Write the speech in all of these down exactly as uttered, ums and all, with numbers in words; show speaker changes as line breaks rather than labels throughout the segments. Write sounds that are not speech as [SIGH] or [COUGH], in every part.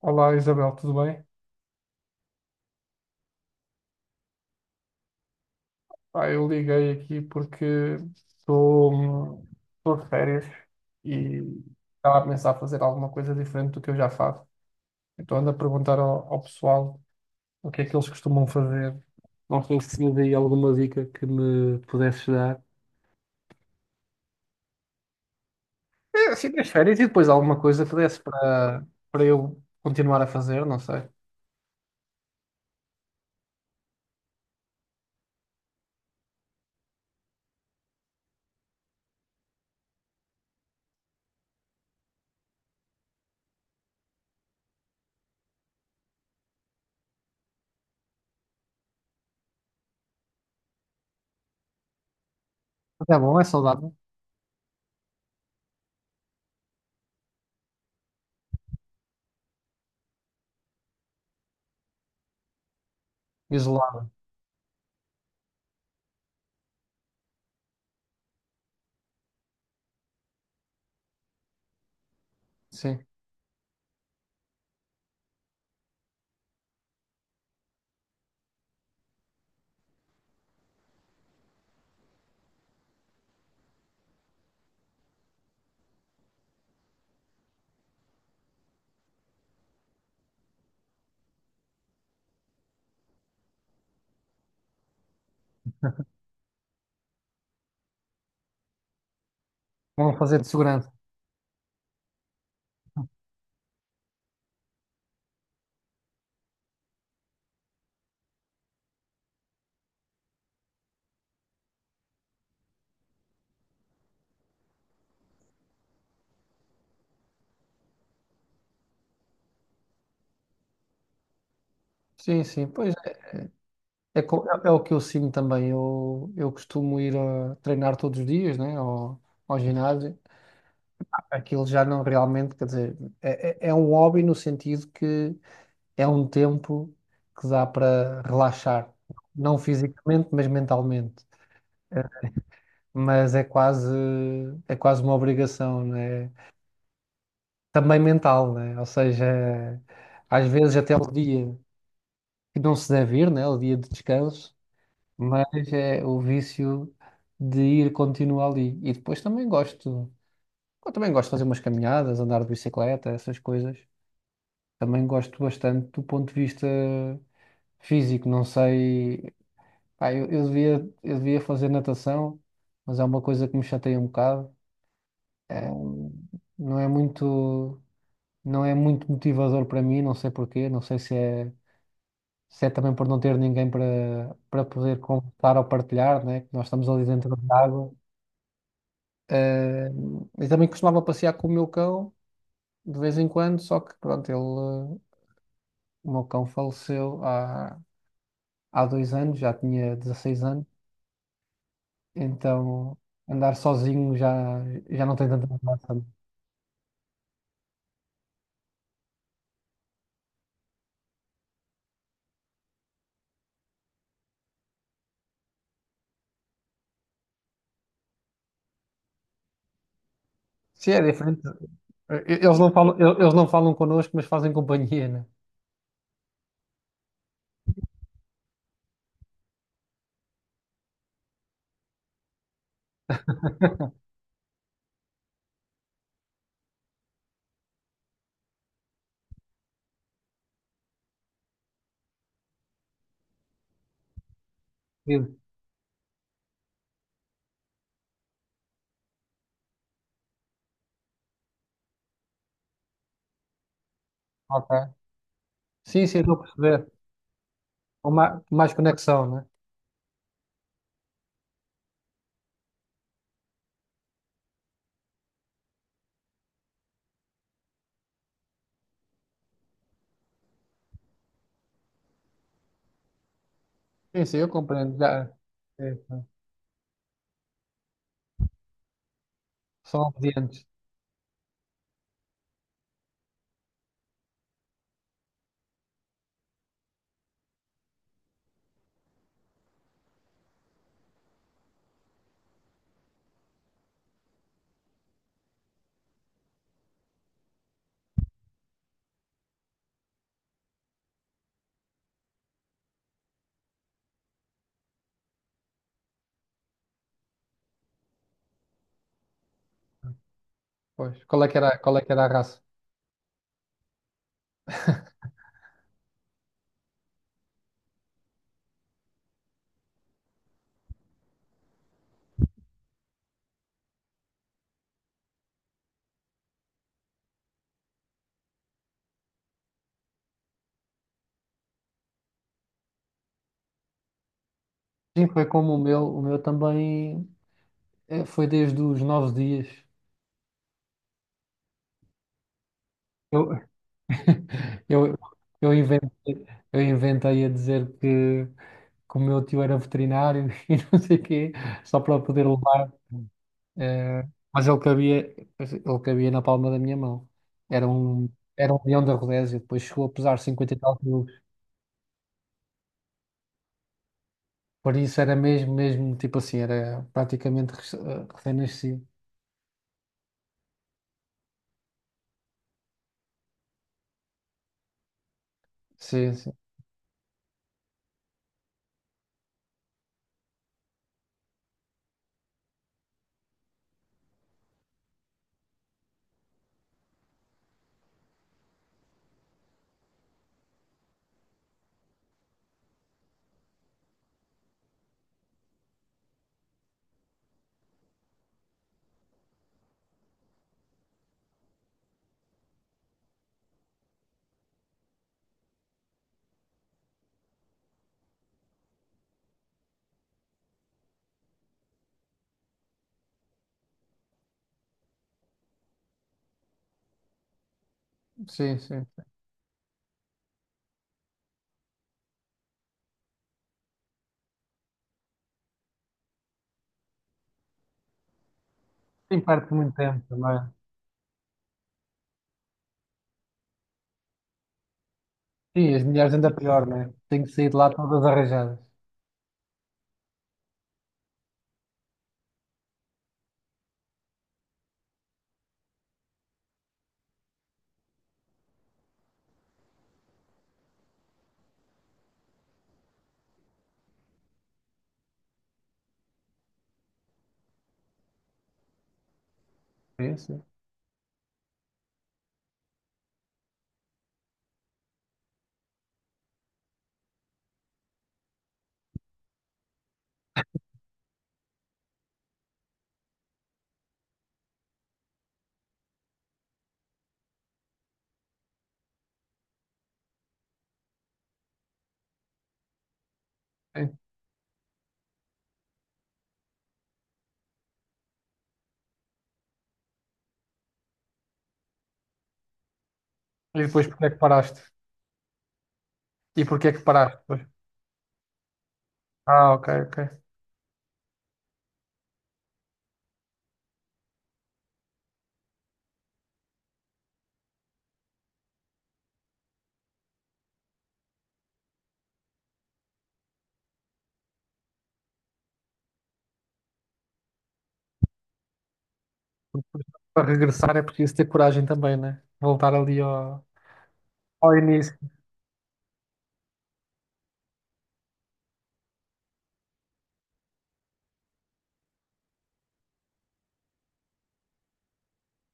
Olá Isabel, tudo bem? Ah, eu liguei aqui porque estou estou de férias e estava a pensar fazer alguma coisa diferente do que eu já faço. Então ando a perguntar ao, ao pessoal o que é que eles costumam fazer. Não sei se tinha aí alguma dica que me pudesses dar. É, assim, nas férias e depois alguma coisa que desse para para eu continuar a fazer, não sei. Mas é bom, é saudável. Isolado, sim. Vão fazer de segurança. Sim, sim. Pois é, co- é- é o que eu sinto também. Eu, eu costumo ir a treinar todos os dias, né? Ao, ao ginásio. Aquilo já não realmente, quer dizer, é, é é um hobby no sentido que é um tempo que dá para relaxar, não fisicamente, mas mentalmente. Mas é quase, é quase uma obrigação, né? Também mental, né? Ou seja, às vezes até o dia que não se deve ir, né? O dia de descanso, mas é o vício de ir continuo ali. E depois também gosto, eu também gosto de fazer umas caminhadas, andar de bicicleta, essas coisas. Também gosto bastante do ponto de vista físico, não sei, pá, eu, eu devia, eu devia fazer natação, mas é uma coisa que me chateia um bocado. É, um, não é muito, não é muito motivador para mim, não sei porquê, não sei se é se é também por não ter ninguém para para poder contar ou partilhar, né? Que nós estamos ali dentro da água. Ah, e também costumava passear com o meu cão de vez em quando, só que pronto, ele, eh, o meu cão faleceu há, há dois anos, já tinha dezasseis anos, então andar sozinho já, já não tem tanta graça. Sim, é diferente. Eh, Eles não falam, el- eles não falam connosco, mas fazem companhia, né? Sim. Ok. Sim, sim, estou a perceber. Com ma- mais conexão, né? Sim, sim, eu compreendo. Já, é, são obedientes. Pois. Qual é que era, qual é que era a raça? [LAUGHS] Sim, foi como o meu, o meu também eh, foi desde os nove dias. Eu, eu, eu inventei, eu inventei a dizer que, que o meu tio era veterinário [LAUGHS] e não sei o quê, só para poder levar. eh, mas ele cabia, ele cabia na palma da minha mão. Era um, era um leão da Rodésia, depois chegou a pesar cinquenta e tal quilos. Por isso era mesmo, mesmo, tipo assim, era praticamente rec- eh, recém-nascido. Sim, sim, sim, sim. Tem parte muito tempo também. Sim, as mulheres ainda pior, né? Tenho que sair de lá todas arranjadas. Sim, sim, sim. E depois porque é que paraste? E porque é que paraste depois? Ah, ok, ok. Para regressar é preciso ter coragem também, né? Voltar ali ao, ao início.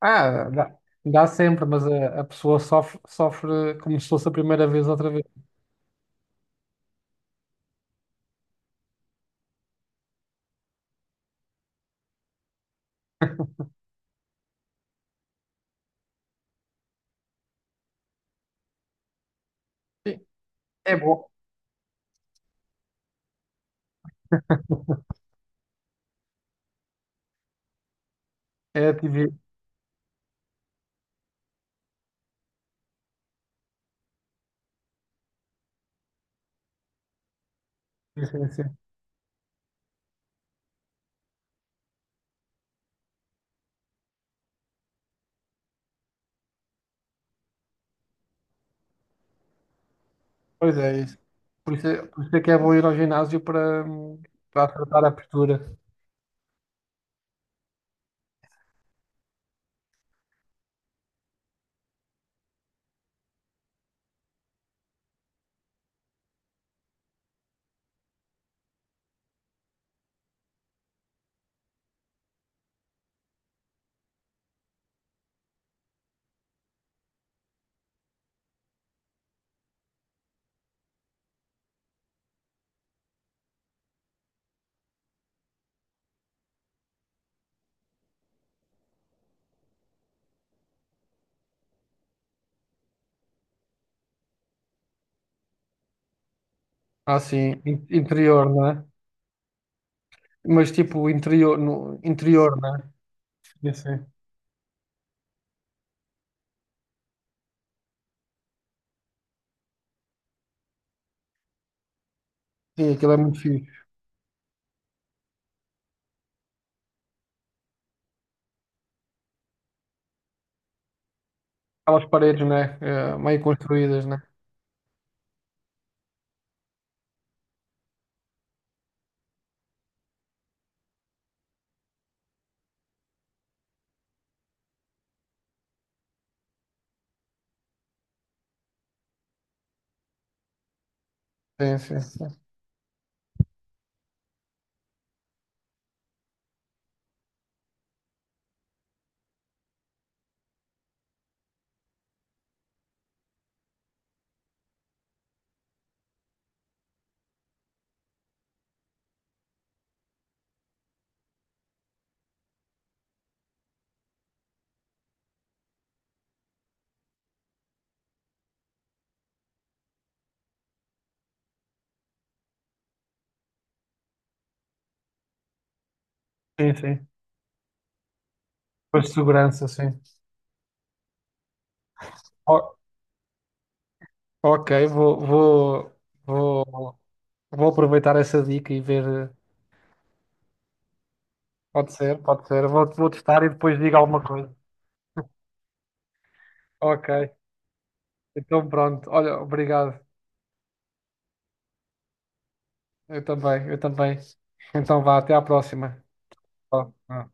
Ah, dá, dá sempre, mas a, a pessoa sofre, sofre como se fosse a primeira vez outra vez. Sim, é bom. É ativismo. Sim, sim, sim. Pois é isso. Por isso, é- por isso é que é bom ir ao ginásio para hum, para tratar a postura. Ah, sim, in- interior, não é? Mas tipo interior, no interior, né? Sim, sim. Sim, aquilo é muito fixe. Aquelas paredes, né? Eh, meio construídas, né? Sim, sim, sim. Sim, sim. Depois de segurança, sim. O- ok, vou, vou, vou, vou aproveitar essa dica e ver. Eh, pode ser, pode ser. Vou, vou testar e depois digo alguma coisa. Ok, então pronto. Olha, obrigado. Eu também, eu também. Então vá, até à próxima. Vá, vá.